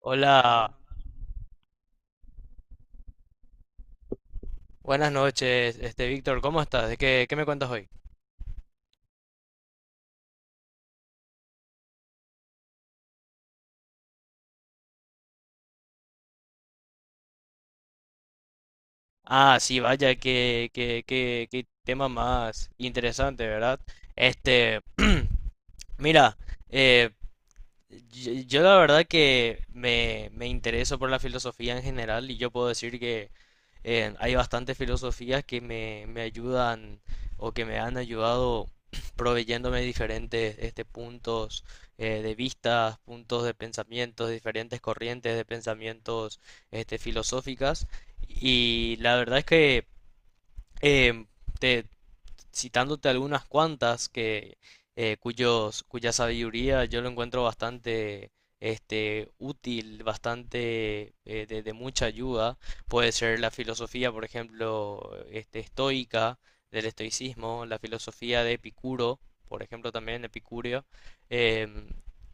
Hola, buenas noches, Víctor, ¿cómo estás? ¿De qué me cuentas hoy? Ah, sí, vaya, qué tema más interesante, ¿verdad? Este, Mira, eh. Yo, la verdad que me intereso por la filosofía en general y yo puedo decir que hay bastantes filosofías que me ayudan o que me han ayudado proveyéndome diferentes puntos de vista, puntos de pensamientos, diferentes corrientes de pensamientos filosóficas. Y la verdad es que em, te, citándote algunas cuantas que, cuya sabiduría yo lo encuentro bastante útil, bastante de mucha ayuda. Puede ser la filosofía, por ejemplo, estoica, del estoicismo, la filosofía de Epicuro, por ejemplo, también Epicurio, em,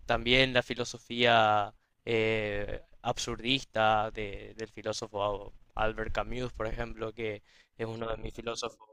también la filosofía absurdista del filósofo Albert Camus, por ejemplo, que es uno de mis filósofos.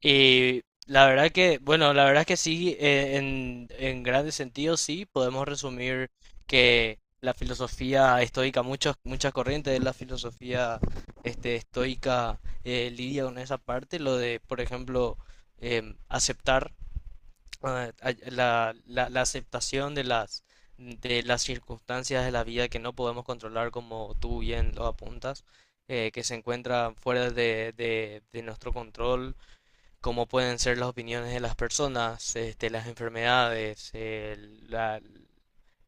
Y la verdad que, bueno, la verdad que sí, en grandes sentidos sí, podemos resumir que la filosofía estoica, muchas corrientes de la filosofía estoica lidia con esa parte, lo por ejemplo, aceptar la aceptación de de las circunstancias de la vida que no podemos controlar, como tú bien lo apuntas, que se encuentran fuera de nuestro control como pueden ser las opiniones de las personas, las enfermedades, la-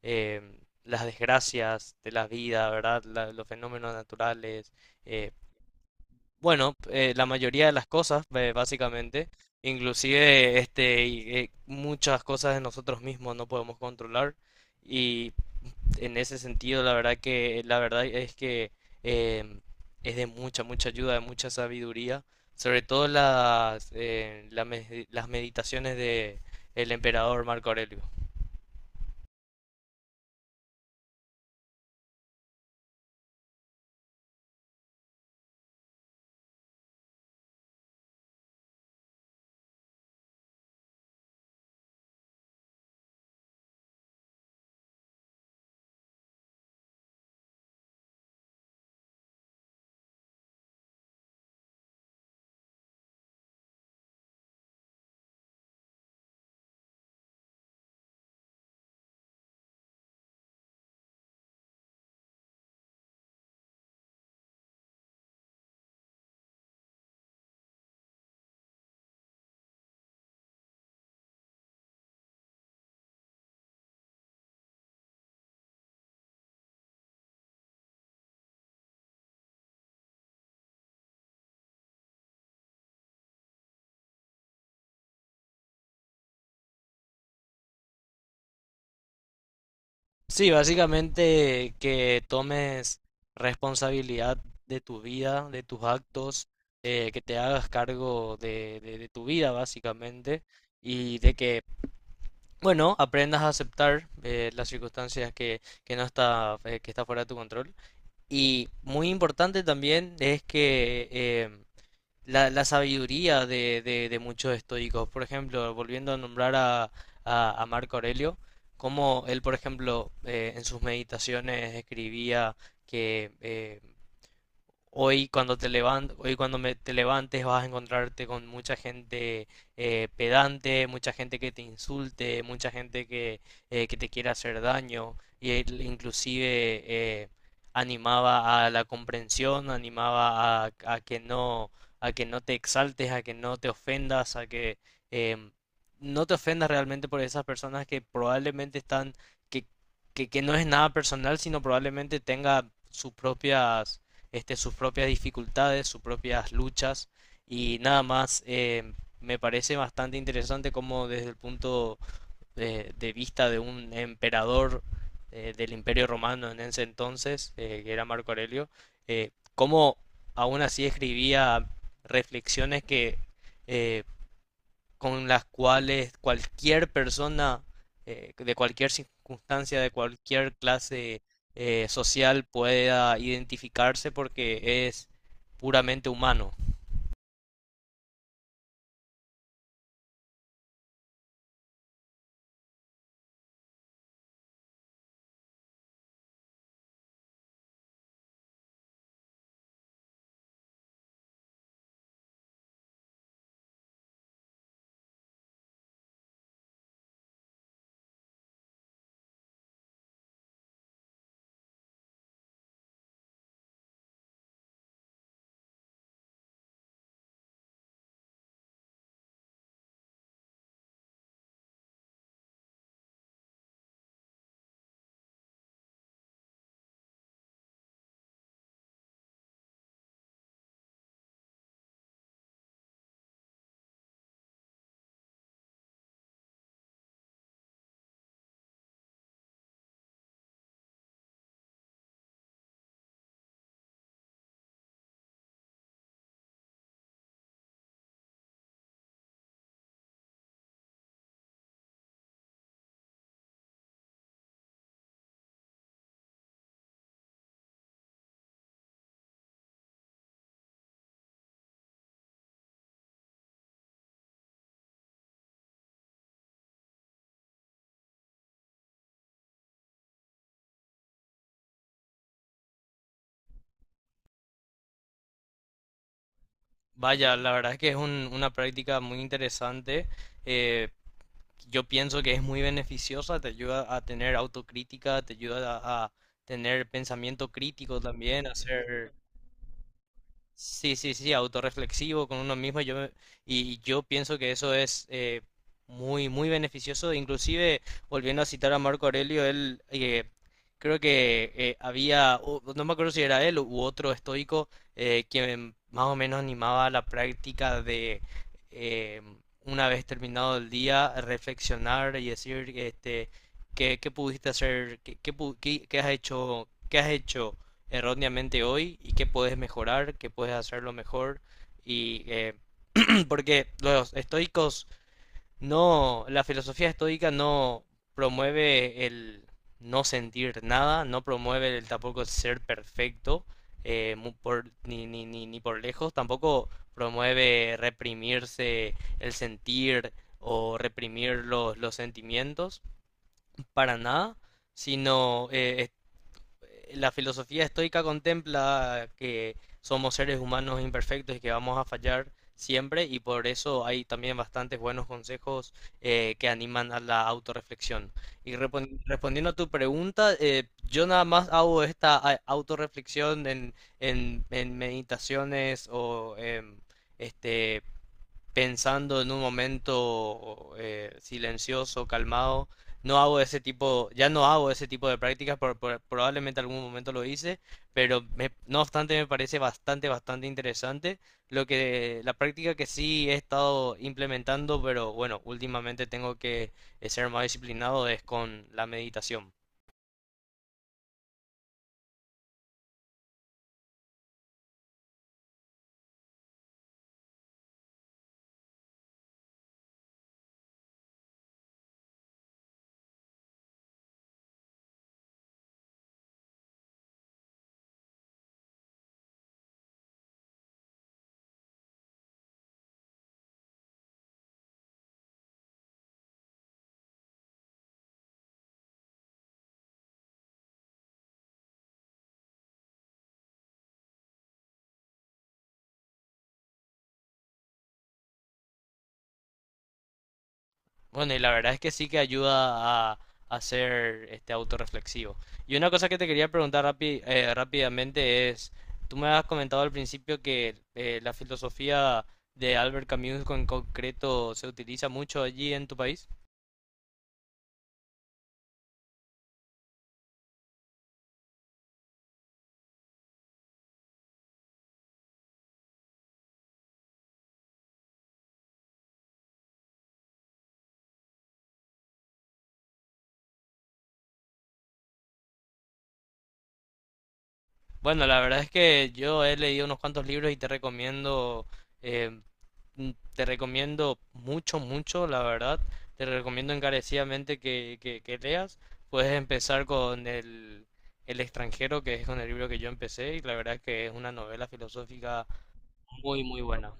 em, las desgracias de la vida, ¿verdad? Los fenómenos naturales. eh, bueno, la mayoría de las cosas, básicamente, inclusive muchas cosas de nosotros mismos no podemos controlar. Y en ese sentido, la verdad que, la verdad es que eh, es de mucha ayuda, de mucha sabiduría, sobre todo las meditaciones de el emperador Marco Aurelio. Sí, básicamente que tomes responsabilidad de tu vida, de tus actos, que te hagas cargo de tu vida, básicamente, y bueno, aprendas a aceptar las circunstancias que no está, que está fuera de tu control. Y muy importante también es que la sabiduría de muchos estoicos, por ejemplo, volviendo a nombrar a Marco Aurelio, como él, por ejemplo, en sus meditaciones escribía que hoy cuando te levan- hoy cuando me- te levantes vas a encontrarte con mucha gente pedante, mucha gente que te insulte, mucha gente que te quiere hacer daño. Y él inclusive animaba a la comprensión, animaba a que no te exaltes, a que no te ofendas, a que em, no te ofendas realmente por esas personas que probablemente que, que no es nada personal, sino probablemente tenga sus propias sus propias dificultades, sus propias luchas y nada más. Eh, me parece bastante interesante como desde el punto de vista de un emperador del Imperio Romano en ese entonces, que era Marco Aurelio, cómo aún así escribía reflexiones que eh, con las cuales cualquier persona de cualquier circunstancia, de cualquier clase social pueda identificarse porque es puramente humano. Vaya, la verdad es que es una práctica muy interesante. Eh, yo pienso que es muy beneficiosa, te ayuda a tener autocrítica, te ayuda a tener pensamiento crítico también, a ser. Sí, sí, sí, autorreflexivo con uno mismo. Y yo pienso que eso es muy beneficioso. Inclusive, volviendo a citar a Marco Aurelio, él creo que no me acuerdo si era él u otro estoico, quien más o menos animaba la práctica de, eh, una vez terminado el día, reflexionar y decir, este, qué pudiste hacer, qué has hecho erróneamente hoy y qué puedes mejorar, qué puedes hacerlo mejor. Y porque los estoicos no, la filosofía estoica no promueve el no sentir nada, no promueve el tampoco ser perfecto, mu- por, ni, ni, ni, ni por lejos, tampoco promueve reprimirse el sentir o reprimir los sentimientos, para nada, sino la filosofía estoica contempla que somos seres humanos imperfectos y que vamos a fallar siempre y por eso hay también bastantes buenos consejos que animan a la autorreflexión. Y respondiendo a tu pregunta, yo nada más hago esta autorreflexión en meditaciones o este, pensando en un momento silencioso, calmado. No hago ese tipo, Ya no hago ese tipo de prácticas, probablemente algún momento lo hice, pero no obstante me parece bastante interesante lo que la práctica que sí he estado implementando, pero bueno, últimamente tengo que ser más disciplinado es con la meditación. Bueno, y la verdad es que sí que ayuda a ser este autorreflexivo. Y una cosa que te quería preguntar rápidamente es, tú me has comentado al principio que la filosofía de Albert Camus en concreto se utiliza mucho allí en tu país. Bueno, la verdad es que yo he leído unos cuantos libros y te recomiendo eh, te recomiendo mucho, la verdad. Te recomiendo encarecidamente que leas. Puedes empezar con el extranjero, que es con el libro que yo empecé, y la verdad es que es una novela filosófica. No,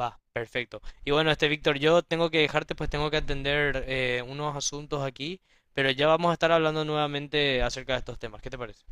va, perfecto. Y bueno, este Víctor, yo tengo que dejarte, pues tengo que atender unos asuntos aquí, pero ya vamos a estar hablando nuevamente acerca de estos temas. ¿Qué te parece?